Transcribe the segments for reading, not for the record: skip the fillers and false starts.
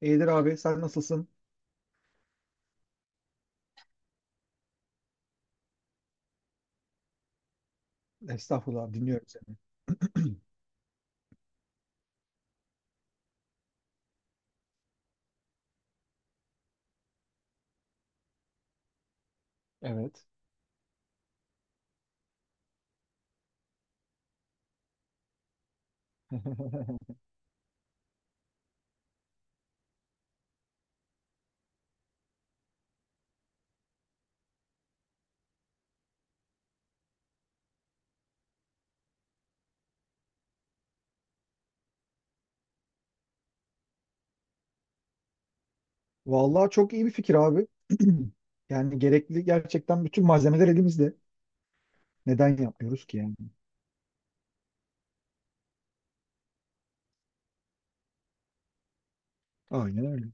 İyidir abi sen nasılsın? Estağfurullah dinliyorum seni. Evet. Vallahi çok iyi bir fikir abi. Yani gerekli gerçekten bütün malzemeler elimizde. Neden yapmıyoruz ki yani? Aynen öyle.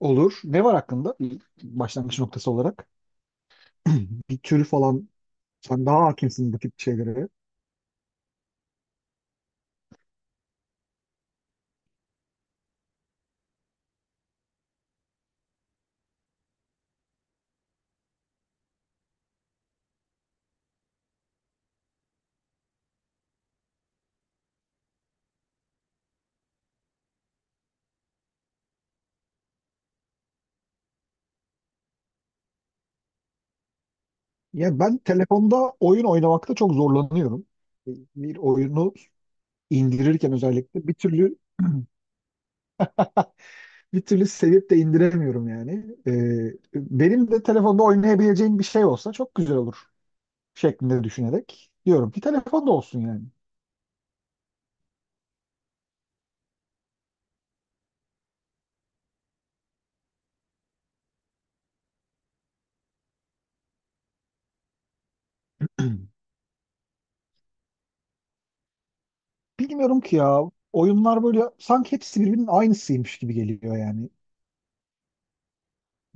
Olur. Ne var hakkında? Bir başlangıç noktası olarak. Bir tür falan. Sen daha hakimsin bu tip şeylere. Ya ben telefonda oyun oynamakta çok zorlanıyorum. Bir oyunu indirirken özellikle bir türlü bir türlü sevip de indiremiyorum yani. Benim de telefonda oynayabileceğim bir şey olsa çok güzel olur şeklinde düşünerek diyorum ki telefonda olsun yani. Bilmiyorum ki ya oyunlar böyle sanki hepsi birbirinin aynısıymış gibi geliyor yani.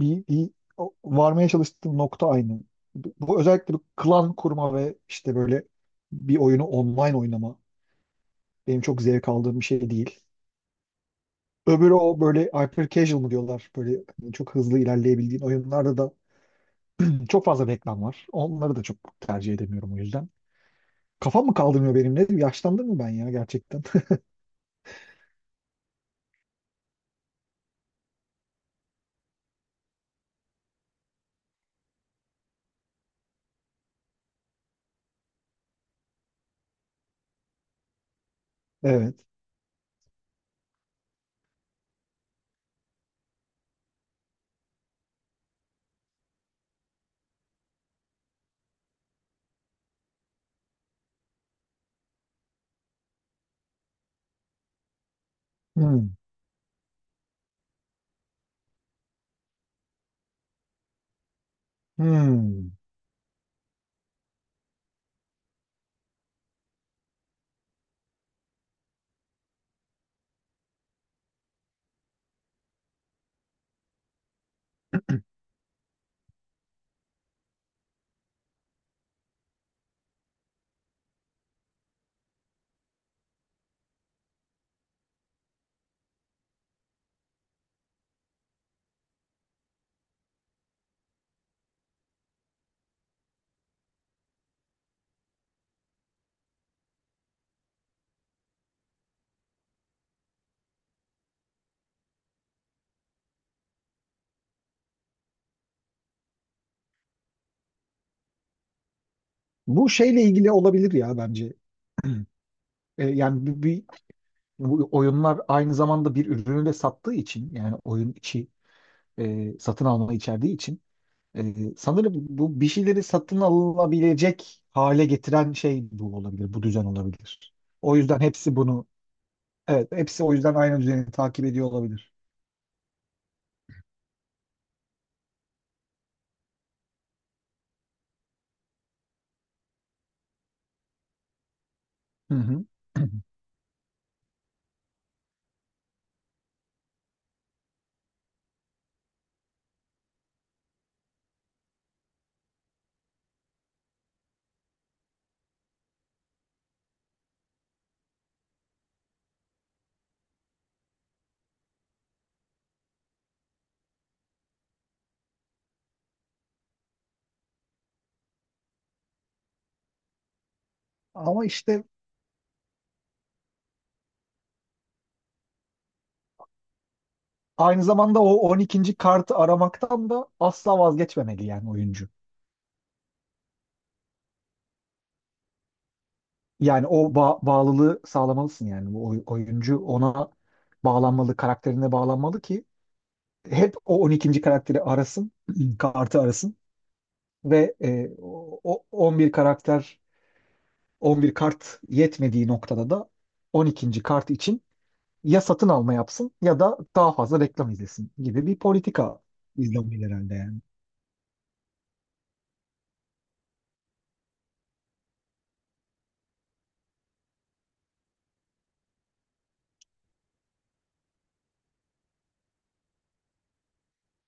Bir, bir varmaya çalıştığım nokta aynı. Bu özellikle bu klan kurma ve işte böyle bir oyunu online oynama benim çok zevk aldığım bir şey değil. Öbürü o böyle hyper casual mı diyorlar böyle hani çok hızlı ilerleyebildiğin oyunlarda da çok fazla reklam var. Onları da çok tercih edemiyorum o yüzden. Kafam mı kaldırmıyor benim? Ne diyeyim? Yaşlandım mı ben ya gerçekten? Evet. Hmm. Hmm. Bu şeyle ilgili olabilir ya bence. Yani bu oyunlar aynı zamanda bir ürünü de sattığı için yani oyun içi satın alma içerdiği için, sanırım bu bir şeyleri satın alınabilecek hale getiren şey bu olabilir, bu düzen olabilir. O yüzden evet, hepsi o yüzden aynı düzeni takip ediyor olabilir. Hı hı. Ama işte aynı zamanda o 12. kartı aramaktan da asla vazgeçmemeli yani oyuncu. Yani o bağlılığı sağlamalısın yani bu oyuncu ona bağlanmalı, karakterine bağlanmalı ki hep o 12. karakteri arasın, kartı arasın ve o 11 karakter 11 kart yetmediği noktada da 12. kart için ya satın alma yapsın ya da daha fazla reklam izlesin gibi bir politika izleniyor herhalde yani.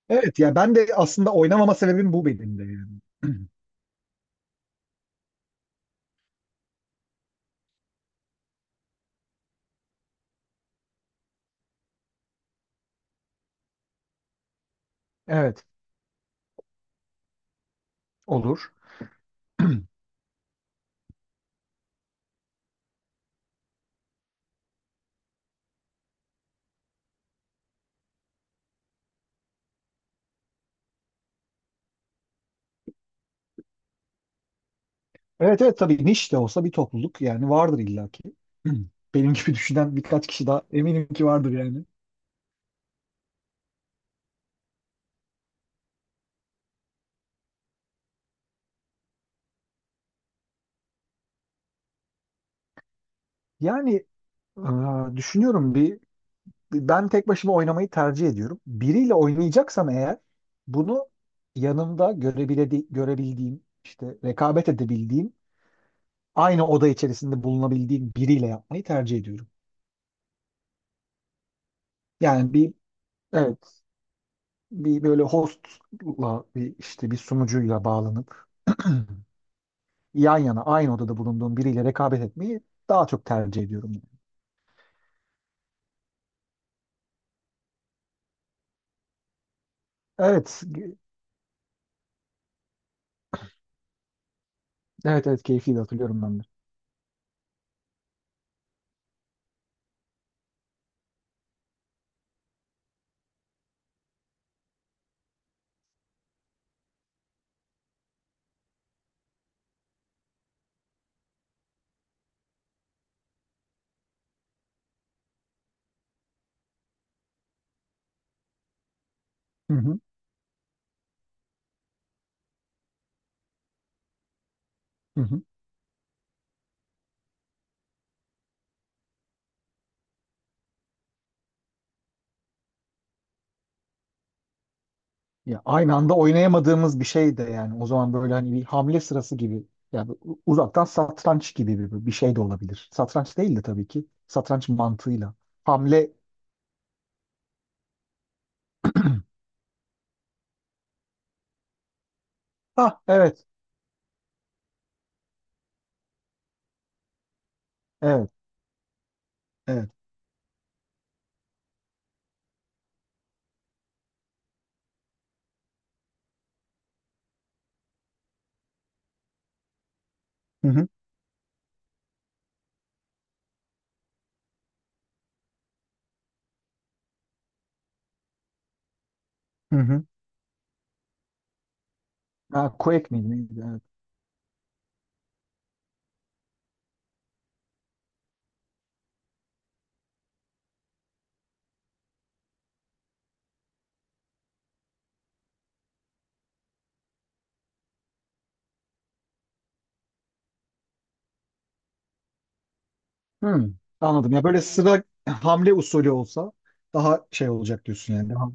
Evet, ya ben de aslında oynamama sebebim bu benim de yani. Evet, olur. Evet, evet, tabii niş de olsa bir topluluk yani vardır illaki. Benim gibi düşünen birkaç kişi daha eminim ki vardır yani. Yani düşünüyorum bir ben tek başıma oynamayı tercih ediyorum. Biriyle oynayacaksam eğer bunu yanımda görebildiğim, işte rekabet edebildiğim, aynı oda içerisinde bulunabildiğim biriyle yapmayı tercih ediyorum. Yani bir, evet, bir böyle hostla bir işte bir sunucuyla bağlanıp yan yana aynı odada bulunduğum biriyle rekabet etmeyi daha çok tercih ediyorum. Evet, evet, evet, keyifliydi hatırlıyorum ben de. Hı hı. Hı hı. Ya aynı anda oynayamadığımız bir şey de yani o zaman böyle hani bir hamle sırası gibi yani uzaktan satranç gibi bir şey de olabilir. Satranç değil de tabii ki satranç mantığıyla. Hamle. Ah, evet, evet, evet. Hı hı, hı hı. Ha, Quake miydi neydi? Evet. Hmm, anladım ya, böyle sıra hamle usulü olsa daha şey olacak diyorsun yani.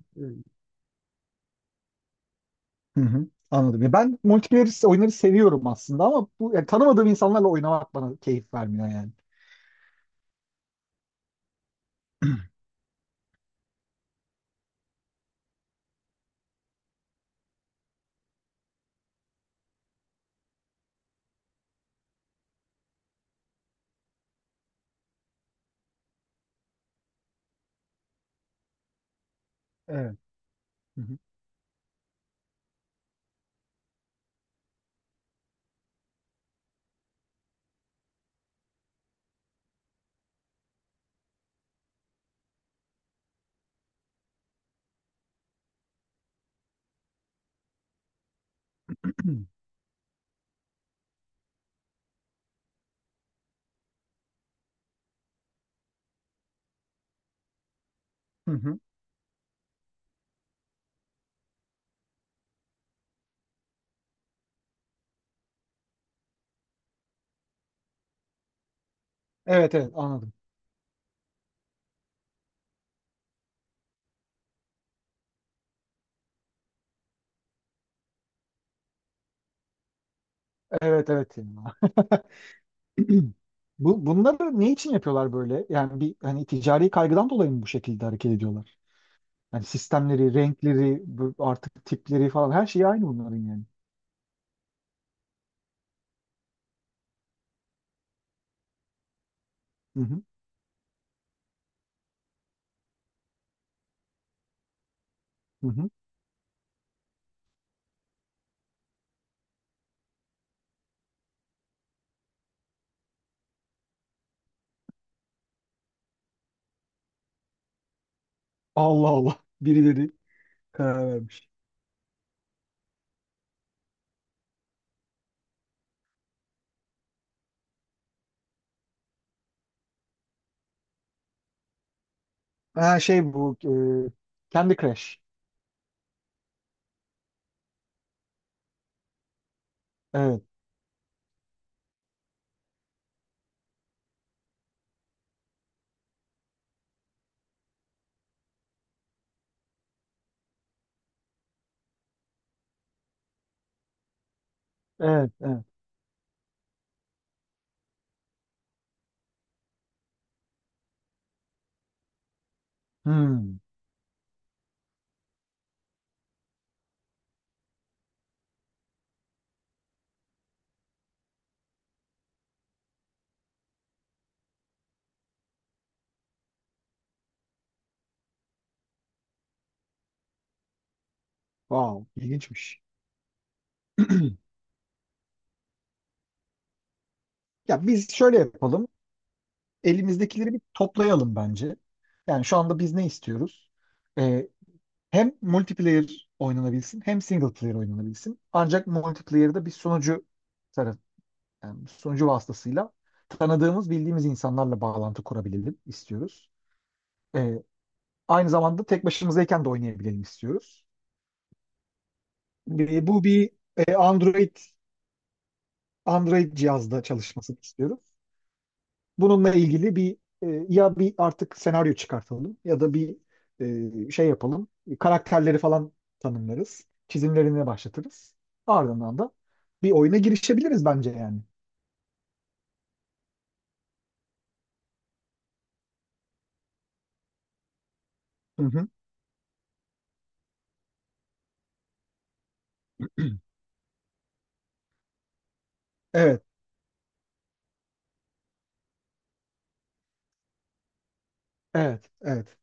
Hı hı, anladım. Ya ben multiplayer oyunları seviyorum aslında ama bu yani tanımadığım insanlarla oynamak bana keyif vermiyor yani. Evet. Hı hı. Hı hı. Evet, evet, anladım. Evet, evet. Ya. Bunları ne için yapıyorlar böyle? Yani bir hani ticari kaygıdan dolayı mı bu şekilde hareket ediyorlar? Yani sistemleri, renkleri, bu artık tipleri falan her şey aynı bunların yani. Hı hı. Hı hı. Allah Allah. Birileri karar vermiş. Ha, şey, bu Candy Crush. Evet. Evet. Evet. Hmm. Wow. İlginçmiş. Ya biz şöyle yapalım. Elimizdekileri bir toplayalım bence. Yani şu anda biz ne istiyoruz? E, hem multiplayer oynanabilsin hem single player oynanabilsin. Ancak multiplayer'da bir sunucu taraf, yani bir sunucu vasıtasıyla tanıdığımız, bildiğimiz insanlarla bağlantı kurabilelim istiyoruz. Ee, aynı zamanda tek başımızdayken de oynayabilelim istiyoruz. Bu bir e, Android Android cihazda çalışmasını istiyoruz. Bununla ilgili bir ya bir artık senaryo çıkartalım ya da bir şey yapalım. Karakterleri falan tanımlarız. Çizimlerine başlatırız. Ardından da bir oyuna girişebiliriz bence yani. Hı hı. Evet, evet, evet.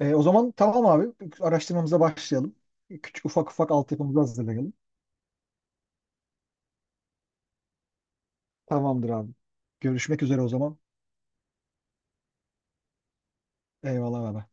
O zaman tamam abi. Araştırmamıza başlayalım. Küçük ufak ufak altyapımızı hazırlayalım. Tamamdır abi. Görüşmek üzere o zaman. Eyvallah baba.